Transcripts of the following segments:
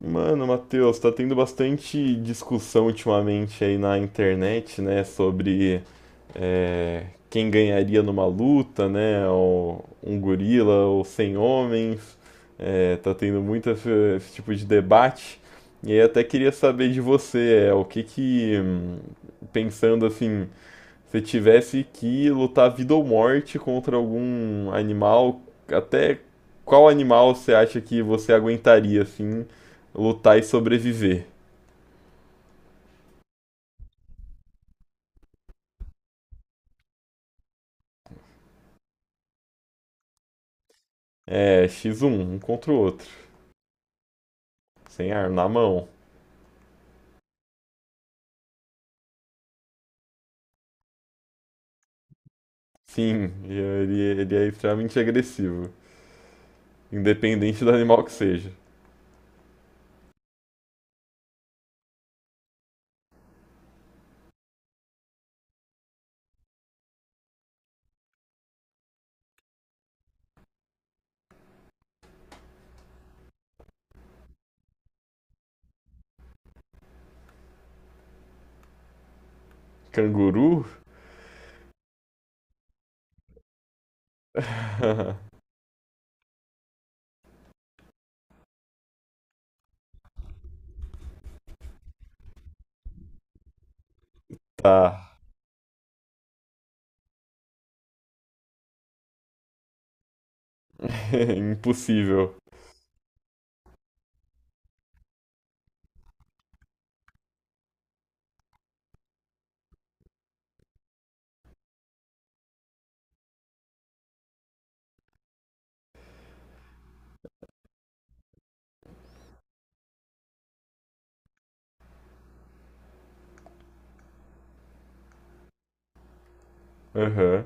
Mano, Matheus, tá tendo bastante discussão ultimamente aí na internet, né, sobre quem ganharia numa luta, né, um gorila ou 100 homens. Tá tendo muito esse tipo de debate. E aí até queria saber de você, o que que, pensando assim, você tivesse que lutar vida ou morte contra algum animal, até qual animal você acha que você aguentaria, assim, lutar e sobreviver? X1, um contra o outro, sem arma, na mão. Sim, ele é extremamente agressivo, independente do animal que seja. Canguru? Tá. Impossível. Aham. Uhum.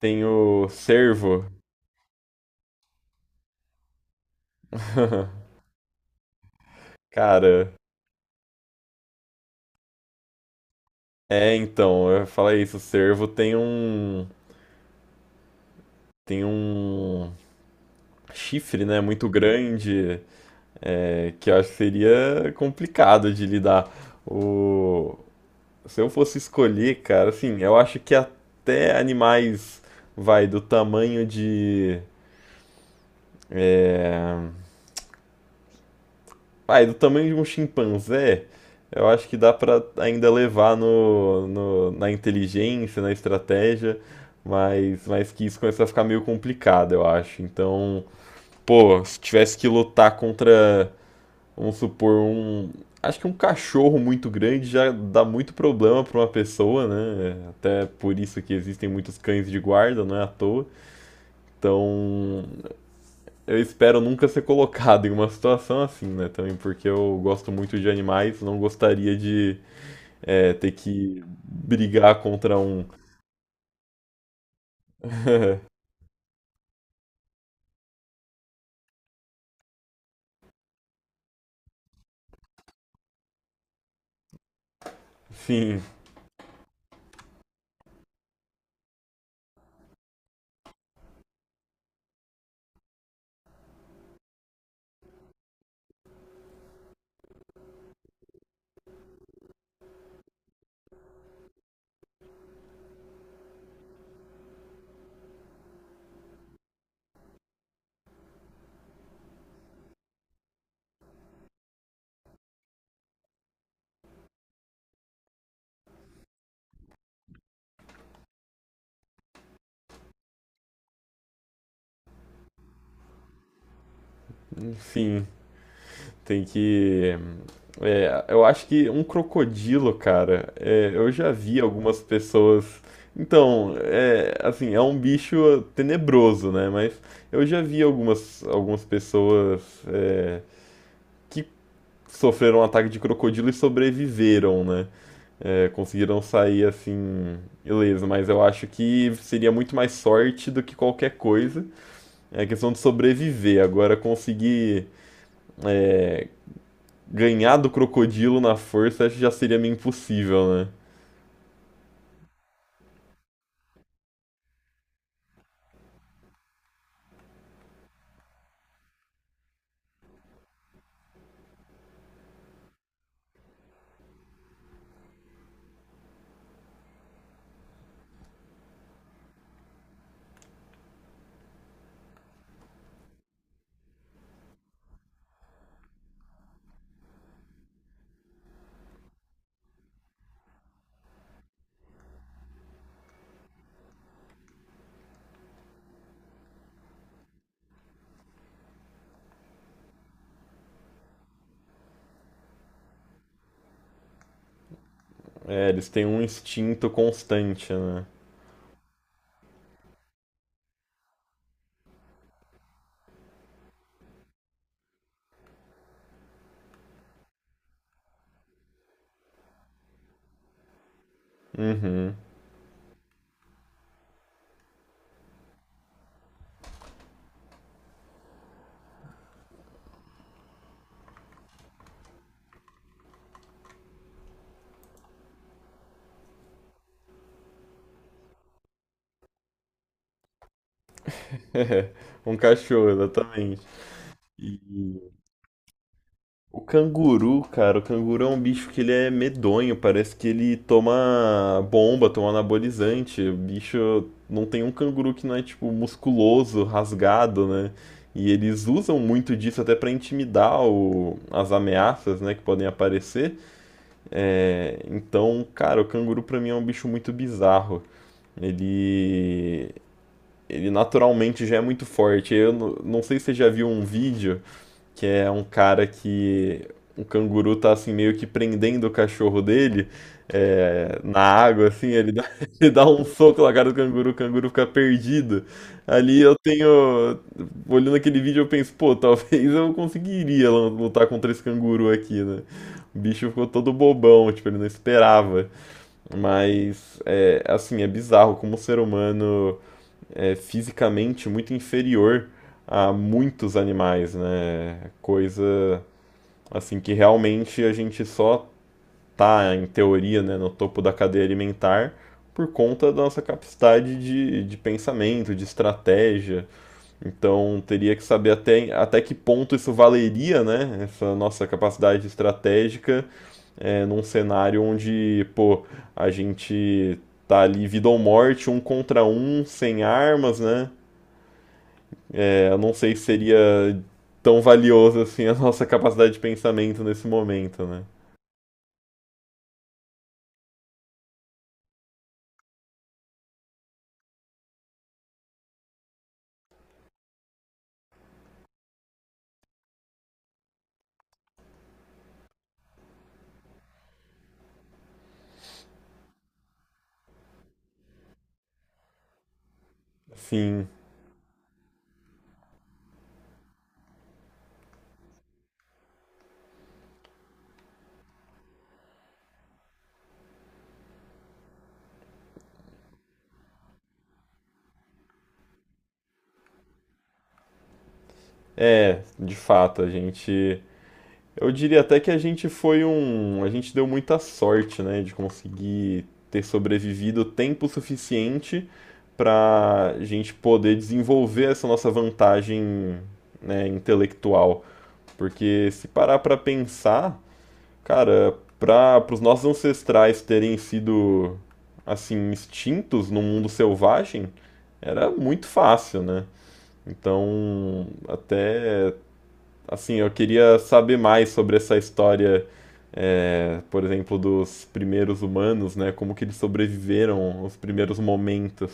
Tem o cervo. Cara, então, eu ia falar isso, o cervo tem um chifre, né, muito grande, que eu acho que seria complicado de lidar. O... Se eu fosse escolher, cara, assim, eu acho que até animais, vai, do tamanho de. vai, do tamanho de um chimpanzé, eu acho que dá pra ainda levar na inteligência, na estratégia, mas que isso começa a ficar meio complicado, eu acho. Então, pô, se tivesse que lutar contra, vamos supor, um. Acho que um cachorro muito grande já dá muito problema para uma pessoa, né? Até por isso que existem muitos cães de guarda, não é à toa. Então, eu espero nunca ser colocado em uma situação assim, né? Também porque eu gosto muito de animais, não gostaria de ter que brigar contra um. Sim, sim. Tem que. Eu acho que um crocodilo, cara, eu já vi algumas pessoas. Então, assim, é um bicho tenebroso, né? Mas eu já vi algumas pessoas é, que sofreram um ataque de crocodilo e sobreviveram, né? Conseguiram sair assim, beleza, mas eu acho que seria muito mais sorte do que qualquer coisa. É questão de sobreviver. Agora, conseguir é, ganhar do crocodilo na força já seria meio impossível, né? Eles têm um instinto constante, né? Hum. Um cachorro, exatamente. E o canguru, cara, o canguru é um bicho que ele é medonho, parece que ele toma bomba, toma anabolizante. O bicho não tem um canguru que não é tipo musculoso, rasgado, né? E eles usam muito disso até pra intimidar o- as ameaças, né, que podem aparecer. Então, cara, o canguru pra mim é um bicho muito bizarro. Ele, ele naturalmente já é muito forte. Eu não sei se você já viu um vídeo que é um cara que o canguru tá assim meio que prendendo o cachorro dele na água, assim, ele dá, ele dá um soco na cara do canguru, o canguru fica perdido. Ali eu tenho, olhando aquele vídeo, eu penso, pô, talvez eu conseguiria lutar contra esse canguru aqui, né? O bicho ficou todo bobão, tipo, ele não esperava. Mas, assim, é bizarro como o ser humano fisicamente muito inferior a muitos animais, né? Coisa assim que realmente a gente só tá, em teoria, né, no topo da cadeia alimentar por conta da nossa capacidade de pensamento, de estratégia. Então teria que saber até que ponto isso valeria, né? Essa nossa capacidade estratégica num cenário onde, pô, a gente tá ali vida ou morte, um contra um, sem armas, né? Eu não sei se seria tão valioso assim a nossa capacidade de pensamento nesse momento, né? Sim, de fato, a gente. Eu diria até que a gente foi um. A gente deu muita sorte, né, de conseguir ter sobrevivido tempo suficiente para a gente poder desenvolver essa nossa vantagem, né, intelectual. Porque se parar para pensar, cara, para os nossos ancestrais terem sido assim extintos no mundo selvagem, era muito fácil, né? Então, até assim, eu queria saber mais sobre essa história, por exemplo, dos primeiros humanos, né? Como que eles sobreviveram aos primeiros momentos.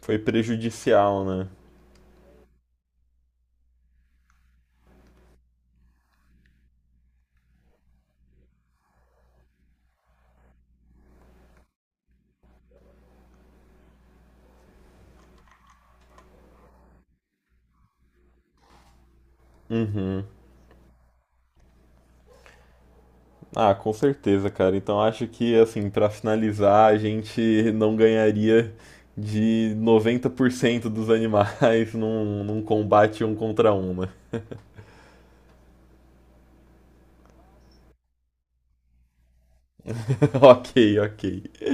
Foi prejudicial, né? Uhum. Ah, com certeza, cara. Então acho que, assim, pra finalizar, a gente não ganharia de 90% dos animais num combate um contra um, né? Ok, ok.